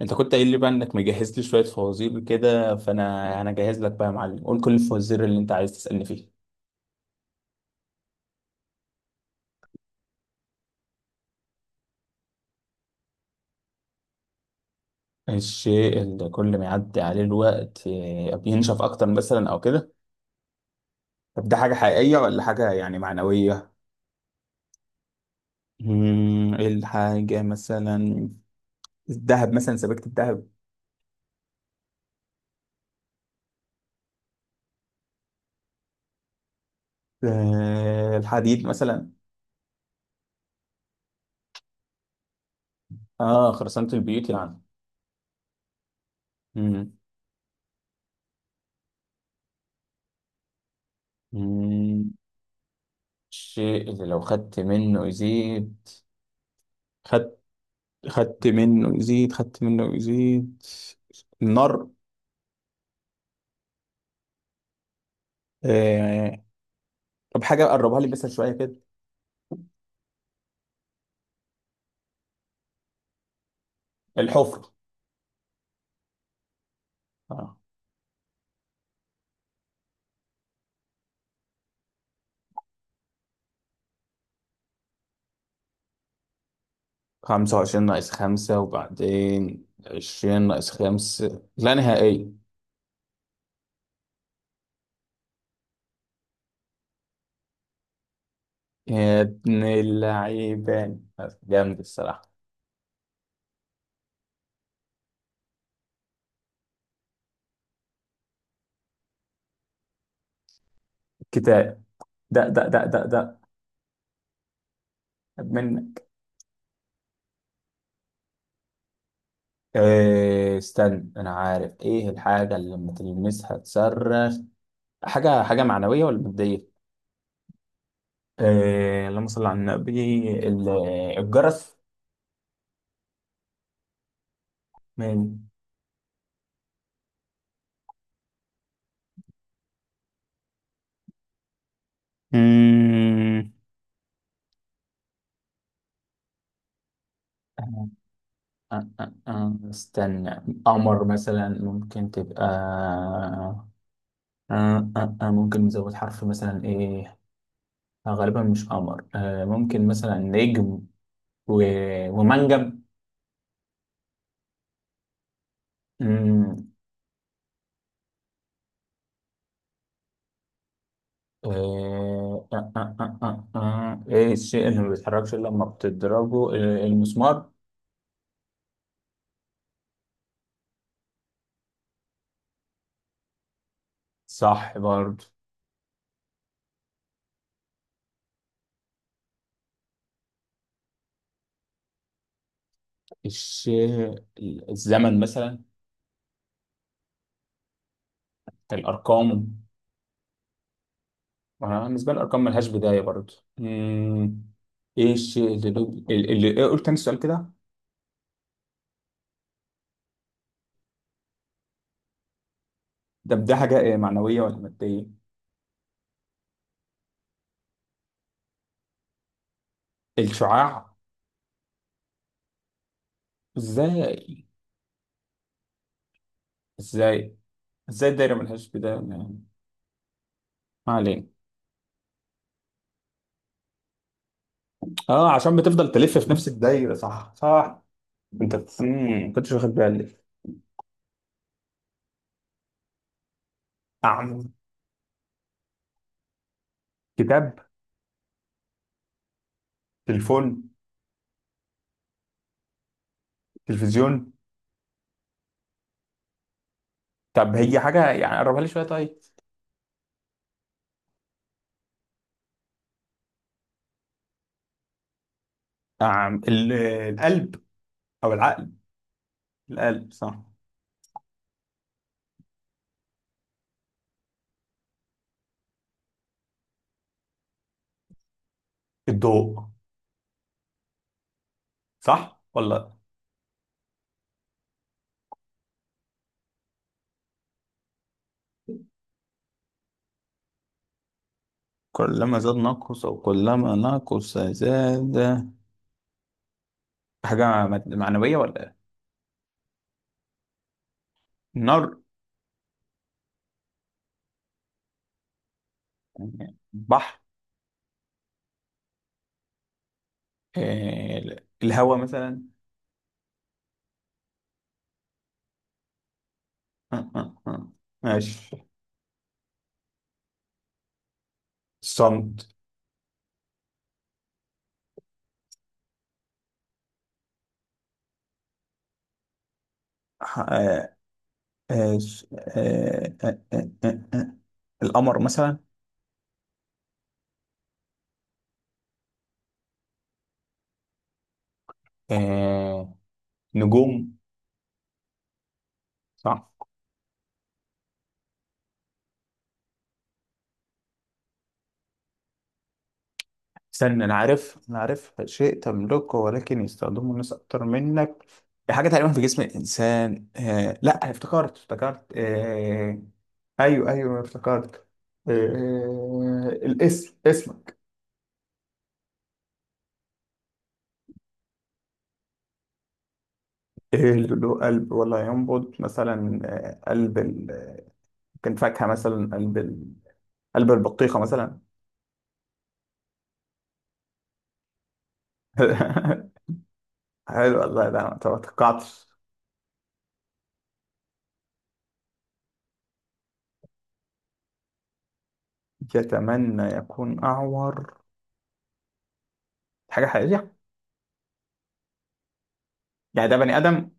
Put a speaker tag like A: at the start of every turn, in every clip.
A: انت كنت قايل لي بقى انك مجهز لي شويه فوازير كده، فانا جاهز لك بقى يا معلم. قول كل الفوازير اللي انت عايز تسالني فيه. الشيء اللي كل ما يعدي عليه الوقت بينشف اكتر مثلا او كده. طب ده حاجه حقيقيه ولا حاجه يعني معنويه؟ ايه الحاجه مثلا؟ الذهب مثلا، سبيكه الذهب. الحديد مثلا. اه، خرسانه البيوت يعني. امم الشيء اللي لو خدت منه يزيد. خدت خدت منه يزيد، خدت منه يزيد. النار. آه. طب حاجة قربها لي بس شوية كده. الحفرة. آه. 25 ناقص 5، وبعدين 20 ناقص 5، لا نهائية. يا ابن اللعيبة! جامد الصراحة. كتاب. ده ده ده ده ده! منك. إيه، استنى، انا عارف ايه الحاجة اللي لما تلمسها تصرخ. حاجة معنوية ولا مادية؟ إيه، اللهم صل على النبي. ال- الجرس. من. مم. آه، استنى، قمر مثلا ممكن تبقى. ممكن نزود حرف مثلا، ايه؟ غالبا مش قمر. ممكن مثلا نجم و... ومنجم. مم. ايه الشيء اللي ما بيتحركش الا لما بتضربه؟ المسمار. صح برضه. الشيء. الزمن مثلا. الارقام. أنا بالنسبة لي الأرقام ملهاش بداية برضه. مم. إيه الشيء اللي لو. إيه، قلت تاني السؤال كده؟ ده حاجة، إيه معنوية ولا مادية؟ الشعاع. إزاي؟ إزاي إزاي الدايرة ملهاش بداية يعني؟ ما علينا. عشان بتفضل تلف في نفس الدايرة. صح، صح. أنت ما كنتش واخد بالي. أعمل. كتاب. تليفون. تلفزيون. طب، هي حاجة يعني؟ قربها لي شوية طيب. القلب. أو العقل. القلب، صح. الضوء. صح ولا؟ كلما زاد نقص، أو كلما نقص زاد. حاجة معنوية ولا إيه؟ نار. يعني بحر. آه، الهواء مثلا. آه، آه، آه. ماشي. الصمت. آه، آه، آه، آه، آه، آه. آه، آه. القمر مثلا. آه، نجوم. صح. استنى، انا عارف انا عارف، شيء تملكه ولكن يستخدمه الناس اكتر منك. دي حاجه تقريبا في جسم الانسان. لا، افتكرت افتكرت. ايوه، ايوه، افتكرت. الاسم، اسم. له قلب ولا ينبض مثلا. قلب كان فاكهه مثلا، قلب قلب البطيخه مثلا. حلو والله، ده ما توقعتش. يتمنى يكون اعور. حاجه حقيقيه؟ يعني ده بني ادم؟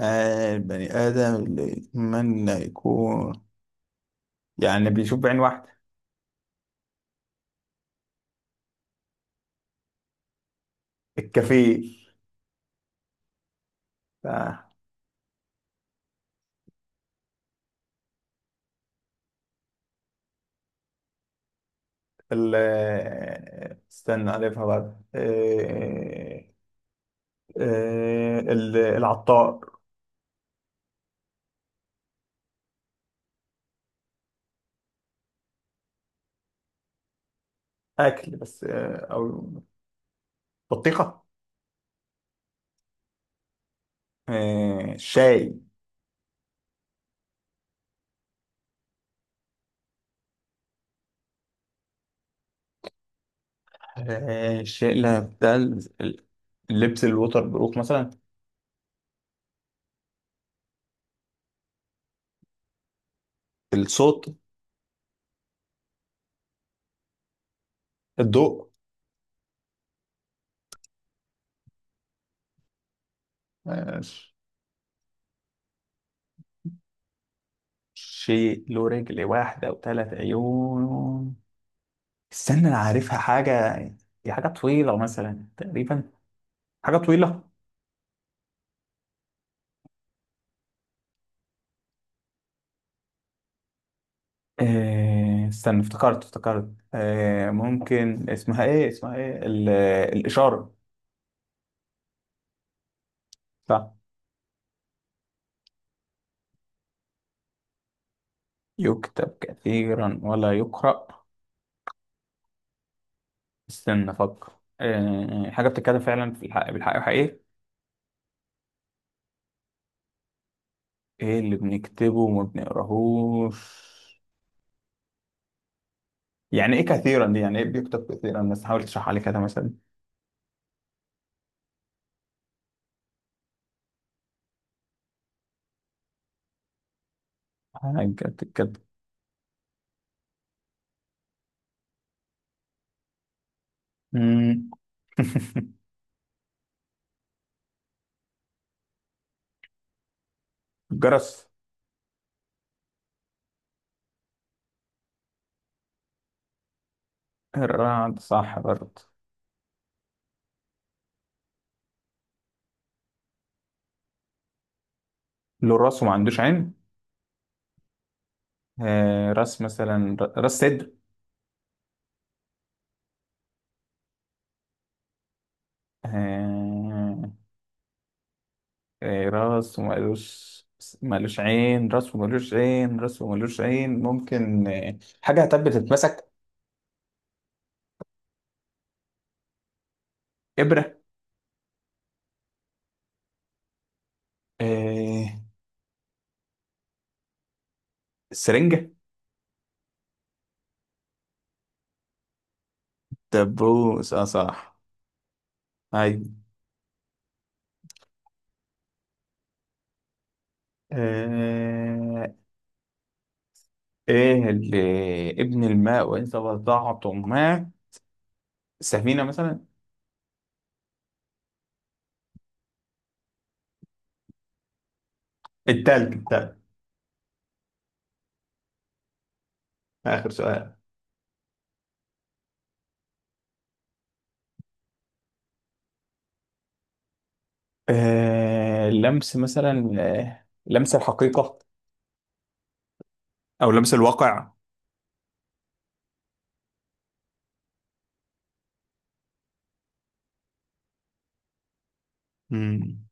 A: البني آدم اللي يتمنى يكون. يعني بيشوف بعين واحدة. الكفيل. آه. ال آه، استنى ألفها بعد العطار. أكل بس أو. بطيخة. الشاي. الشاي، لا، بتاع اللبس الوتر بروف مثلا. الصوت. الضوء. آه شيء له رجل واحدة وثلاث عيون. استنى، انا عارفها حاجة. دي حاجة طويلة مثلا تقريبا. حاجة طويلة. استنى، افتكرت افتكرت. ممكن اسمها ايه، اسمها ايه الإشارة. صح. يكتب كثيرا ولا يقرأ. استنى افكر. حاجة بتتكلم فعلا في الحق، بالحق وحقيقي. ايه اللي بنكتبه وما بنقراهوش؟ يعني ايه كثيرا دي؟ يعني ايه بيكتب كثيرا؟ بس حاول تشرح عليه كده مثلا. حاجة بتتكتب. مم. جرس. الرعد، صح برضه. لو الراس ما عندوش عين. راس مثلا، راس صدر. آه. راس ومالوش. مالوش عين، راس ومالوش عين، راس ومالوش عين، ممكن حاجة طب بتتمسك؟ إبرة. آه سرنجة. دبوس، اه، صح. أيوة. آه ايه اللي. ابن الماء وإن تبضعتم ما. سفينة مثلا. التلج، التلج! آخر سؤال؟ لمس مثلا، لمس الحقيقة. أو لمس الواقع. مم.